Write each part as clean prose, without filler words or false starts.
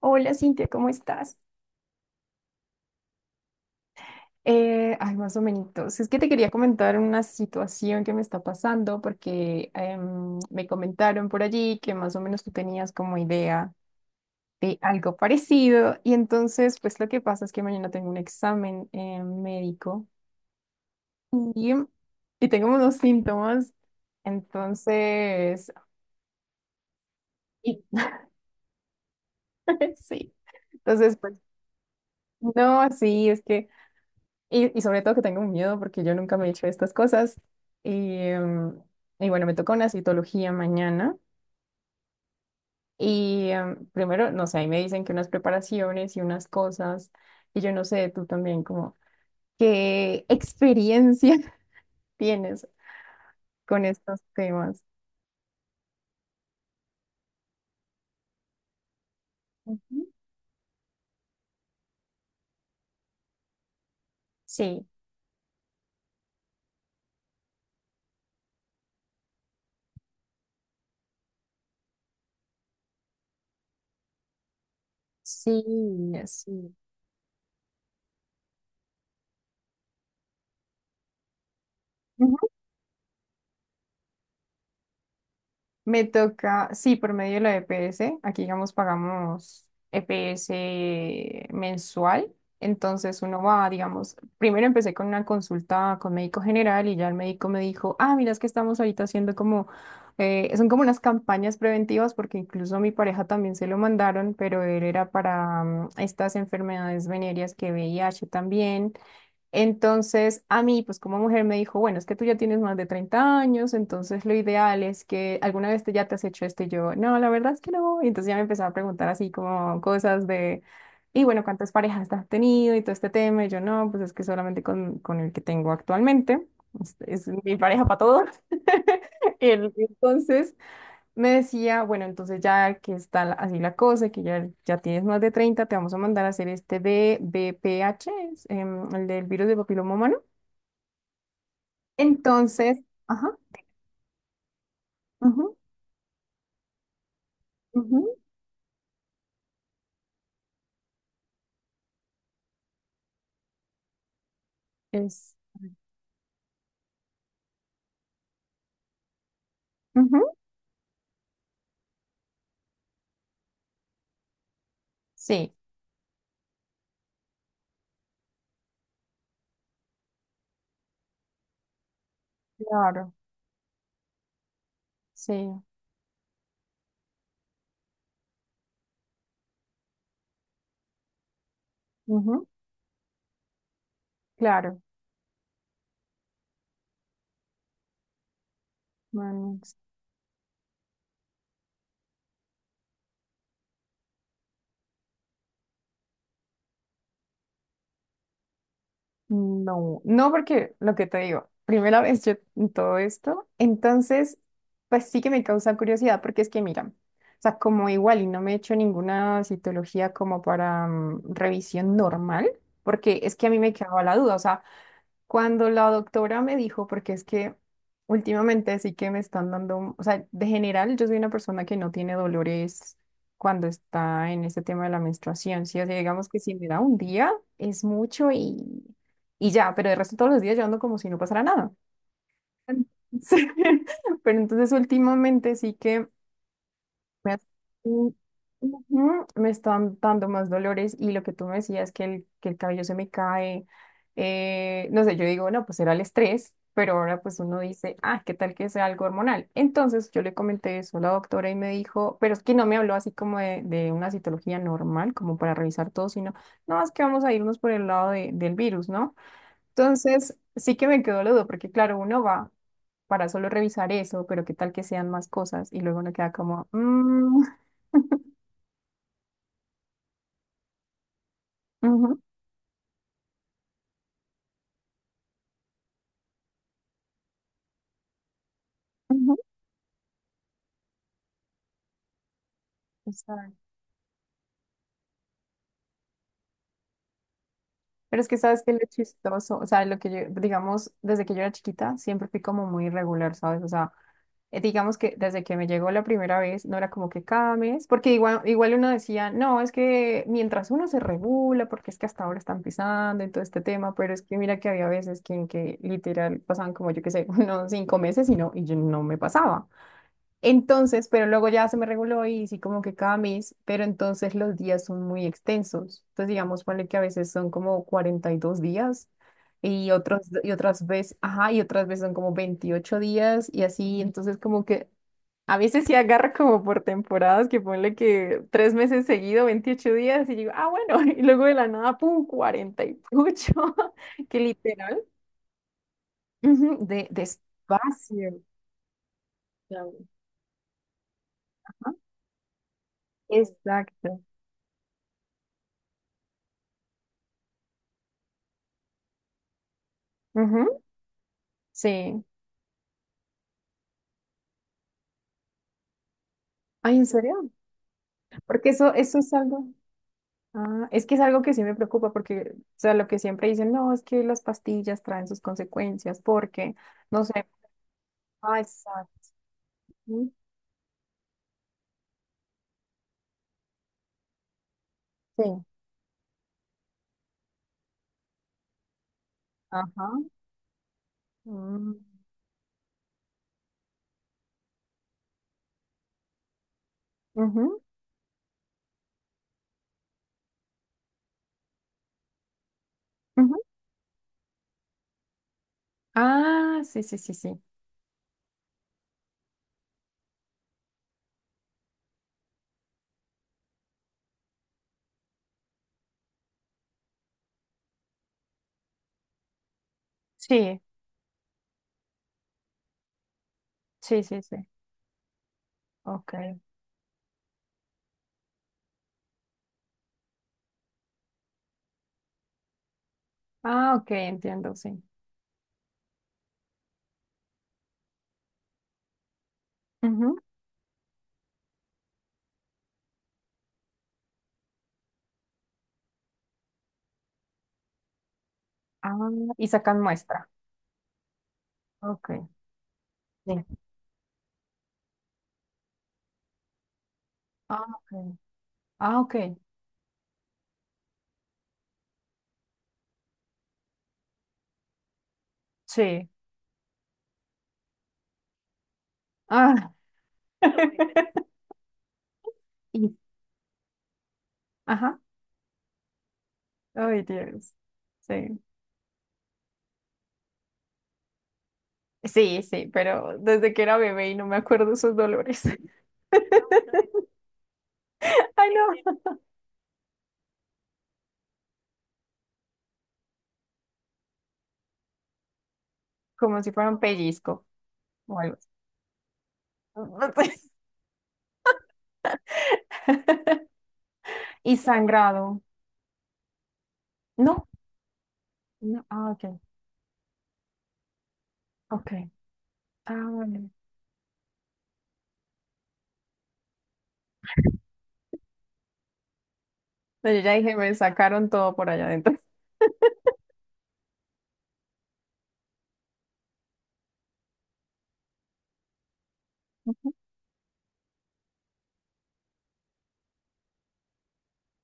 Hola Cintia, ¿cómo estás? Ay, más o menos. Es que te quería comentar una situación que me está pasando porque me comentaron por allí que más o menos tú tenías como idea de algo parecido, y entonces pues lo que pasa es que mañana tengo un examen médico, y, y tengo unos síntomas, entonces, y- sí, entonces pues no, sí, es que... Y sobre todo que tengo un miedo porque yo nunca me he hecho estas cosas. Y, em, y bueno, me toca una citología mañana. Y primero, no sé, ahí me dicen que unas preparaciones y unas cosas. Y yo no sé, tú también, como, ¿qué experiencia tienes con estos temas? Ujú. Sí, sí, sí. Me toca, sí, por medio de la EPS. Aquí, digamos, pagamos EPS mensual. Entonces uno va, digamos, primero empecé con una consulta con médico general y ya el médico me dijo, ah, mira, es que estamos ahorita haciendo como, son como unas campañas preventivas porque incluso a mi pareja también se lo mandaron, pero él era para estas enfermedades venéreas que VIH también. Entonces, a mí, pues como mujer, me dijo, bueno, es que tú ya tienes más de 30 años, entonces lo ideal es que alguna vez te, ya te has hecho esto, y yo, no, la verdad es que no. Y entonces ya me empezaba a preguntar así como cosas de, y bueno, ¿cuántas parejas has tenido y todo este tema? Y yo, no, pues es que solamente con el que tengo actualmente, es mi pareja para todo. Entonces, me decía, bueno, entonces ya que está así la cosa, que ya tienes más de treinta, te vamos a mandar a hacer este de VPH, el del virus de papiloma humano. Entonces, ajá, ujú, ujú, es, ujú, sí, claro, sí, ujú, claro. Bueno. No, no, porque lo que te digo, primera vez yo en todo esto, entonces, pues sí que me causa curiosidad, porque es que, mira, o sea, como igual y no me he hecho ninguna citología como para revisión normal, porque es que a mí me quedaba la duda, o sea, cuando la doctora me dijo, porque es que últimamente sí que me están dando, o sea, de general yo soy una persona que no tiene dolores cuando está en este tema de la menstruación, ¿sí? O sea, digamos que si me da un día es mucho y ya, pero de resto todos los días yo ando como si no pasara nada. Sí. Pero entonces últimamente sí que me, has- Mm, ujú, me están dando más dolores y lo que tú me decías que que el cabello se me cae, no sé, yo digo, no, pues era el estrés, pero ahora pues uno dice, ah, ¿qué tal que sea algo hormonal? Entonces yo le comenté eso a la doctora y me dijo, pero es que no me habló así como de una citología normal, como para revisar todo, sino, no, es que vamos a irnos por el lado del virus, ¿no? Entonces, sí que me quedó la duda, porque claro, uno va para solo revisar eso, pero qué tal que sean más cosas y luego uno queda como, "Mm, ujú, ujú", o. Pero es que sabes que lo chistoso, o sea, lo que yo, digamos, desde que yo era chiquita, siempre fui como muy irregular, ¿sabes? O sea, digamos que desde que me llegó la primera vez, no era como que cada mes, porque igual uno decía, no, es que mientras uno se regula, porque es que hasta ahora están pisando en todo este tema, pero es que mira que había veces que, en que literal pasaban como yo qué sé, unos 5 meses y no, y yo no me pasaba. Entonces, pero luego ya se me reguló y sí como que cada mes, pero entonces los días son muy extensos. Entonces, digamos, ponle que a veces son como 42 días y otras veces, ajá, y otras veces son como 28 días y así, entonces como que a veces sí agarra como por temporadas, que ponle que 3 meses seguido, 28 días y digo, ah, bueno, y luego de la nada, pum, 48 que literal, ujú, de despacio. Claro. Ajá, exacto. Sí. Ay, ¿en serio? Porque eso es algo, ah, es que es algo que sí me preocupa, porque, o sea, lo que siempre dicen, no, es que las pastillas traen sus consecuencias, porque, no sé, ah, exacto. Sí. Ajá. Mm. Ujú, ujú. Ah, sí, sí, sí, sí. Sí, sí, sí, sí. Ok. Ah, ok, entiendo, sí. Ujú. Ah, y sacan muestra. Ok. Sí. Ah, ok. Ah, ok. Sí. Ah. Y, ajá. Ay, Dios. Sí. Sí, sí, pero desde que era bebé y no me acuerdo esos dolores. Ay, no. Como si fuera un pellizco o algo así. Y sangrado. No. No. Ah, ok. Ok. Ah, vale. No, yo ya dije, me sacaron todo por allá adentro.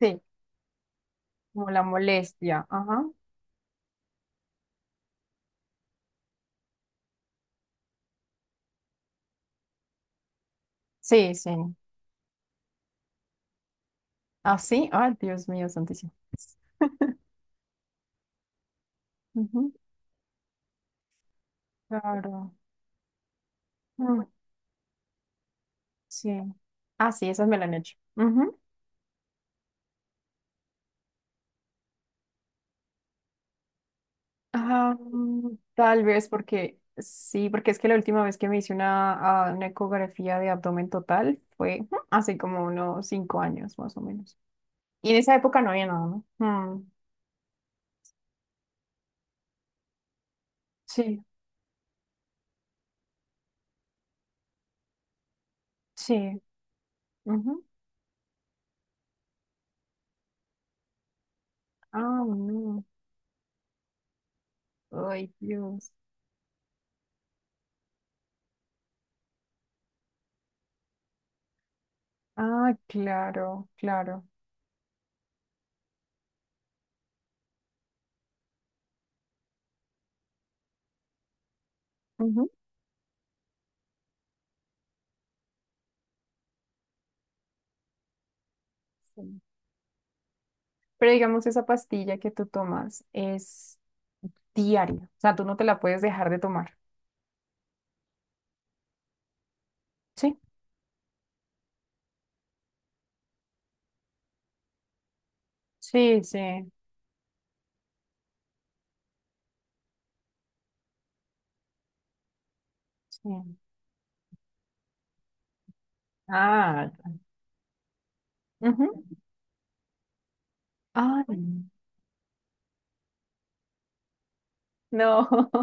Sí, como la molestia. Ajá. Sí, sí. Así. Ay, Dios mío, santísimo. Ujú, claro. Mm, sí. Ah, sí, esas me la han hecho. Ah, tal vez porque sí, porque es que la última vez que me hice una ecografía de abdomen total fue ujú, hace como unos 5 años más o menos. Y en esa época no había nada, ¿no? Mm, sí, sí. Ujú. Ah, no. Ay, Dios. Ah, claro, claro. Ujú, sí. Pero digamos, esa pastilla que tú tomas es diaria. O sea, tú no te la puedes dejar de tomar. Sí, sí, sí. Sí. Ah, ya. Ujú. Ay, no,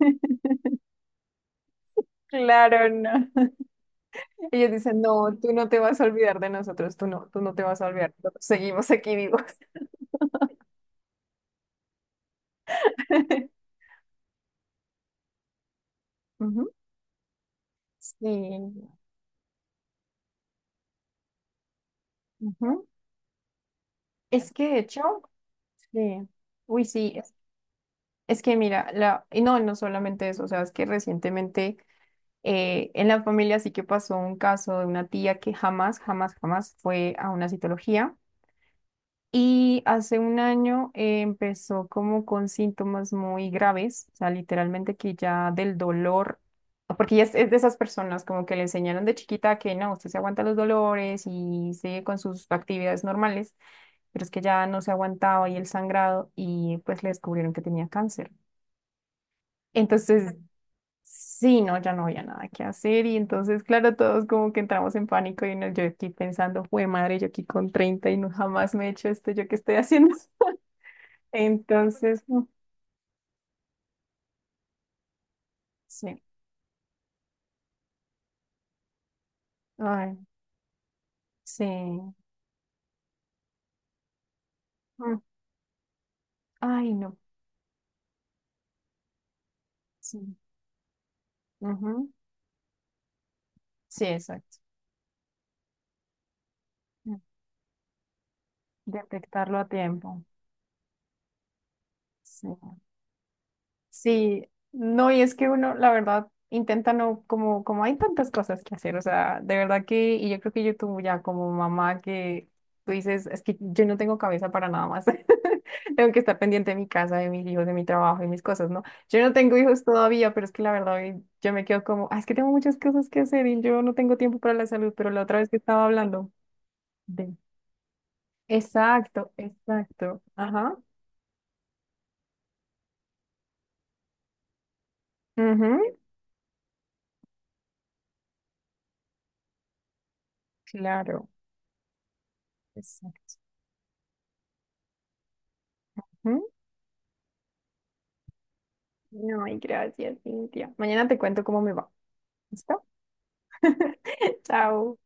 claro, no. Ellos dicen, no, tú no, te vas a olvidar de nosotros, tú no te vas a olvidar, nosotros seguimos aquí vivos. Ujú, sí, ujú. Es que de hecho, sí, uy, sí, es que mira, y no, no solamente eso, o sea, es que recientemente en la familia sí que pasó un caso de una tía que jamás, jamás, jamás fue a una citología. Y hace un año empezó como con síntomas muy graves, o sea, literalmente que ya del dolor, porque ella es de esas personas como que le enseñaron de chiquita que no, usted se aguanta los dolores y sigue con sus actividades normales, pero es que ya no se aguantaba y el sangrado y pues le descubrieron que tenía cáncer. Entonces, sí, no, ya no había nada que hacer y entonces, claro, todos como que entramos en pánico y no, yo aquí pensando, fue madre, yo aquí con 30 y no jamás me he hecho esto, ¿yo qué estoy haciendo? Entonces, sí. Ay, sí. Mm, ay, no. Sí. Ujú, sí, exacto. Mm. Detectarlo a tiempo. Sí. Sí, no, y es que uno, la verdad, intenta no, como hay tantas cosas que hacer, o sea, de verdad que, y yo creo que YouTube ya como mamá que tú dices, es que yo no tengo cabeza para nada más, tengo que estar pendiente de mi casa, de mis hijos, de mi trabajo y mis cosas, ¿no? Yo no tengo hijos todavía, pero es que la verdad yo me quedo como, "Ah, es que tengo muchas cosas que hacer y yo no tengo tiempo para la salud, pero la otra vez que estaba hablando de... Exacto, exacto, ajá, ujú, claro, exacto. No, y gracias, Cintia. Mañana te cuento cómo me va. ¿Listo? Chao.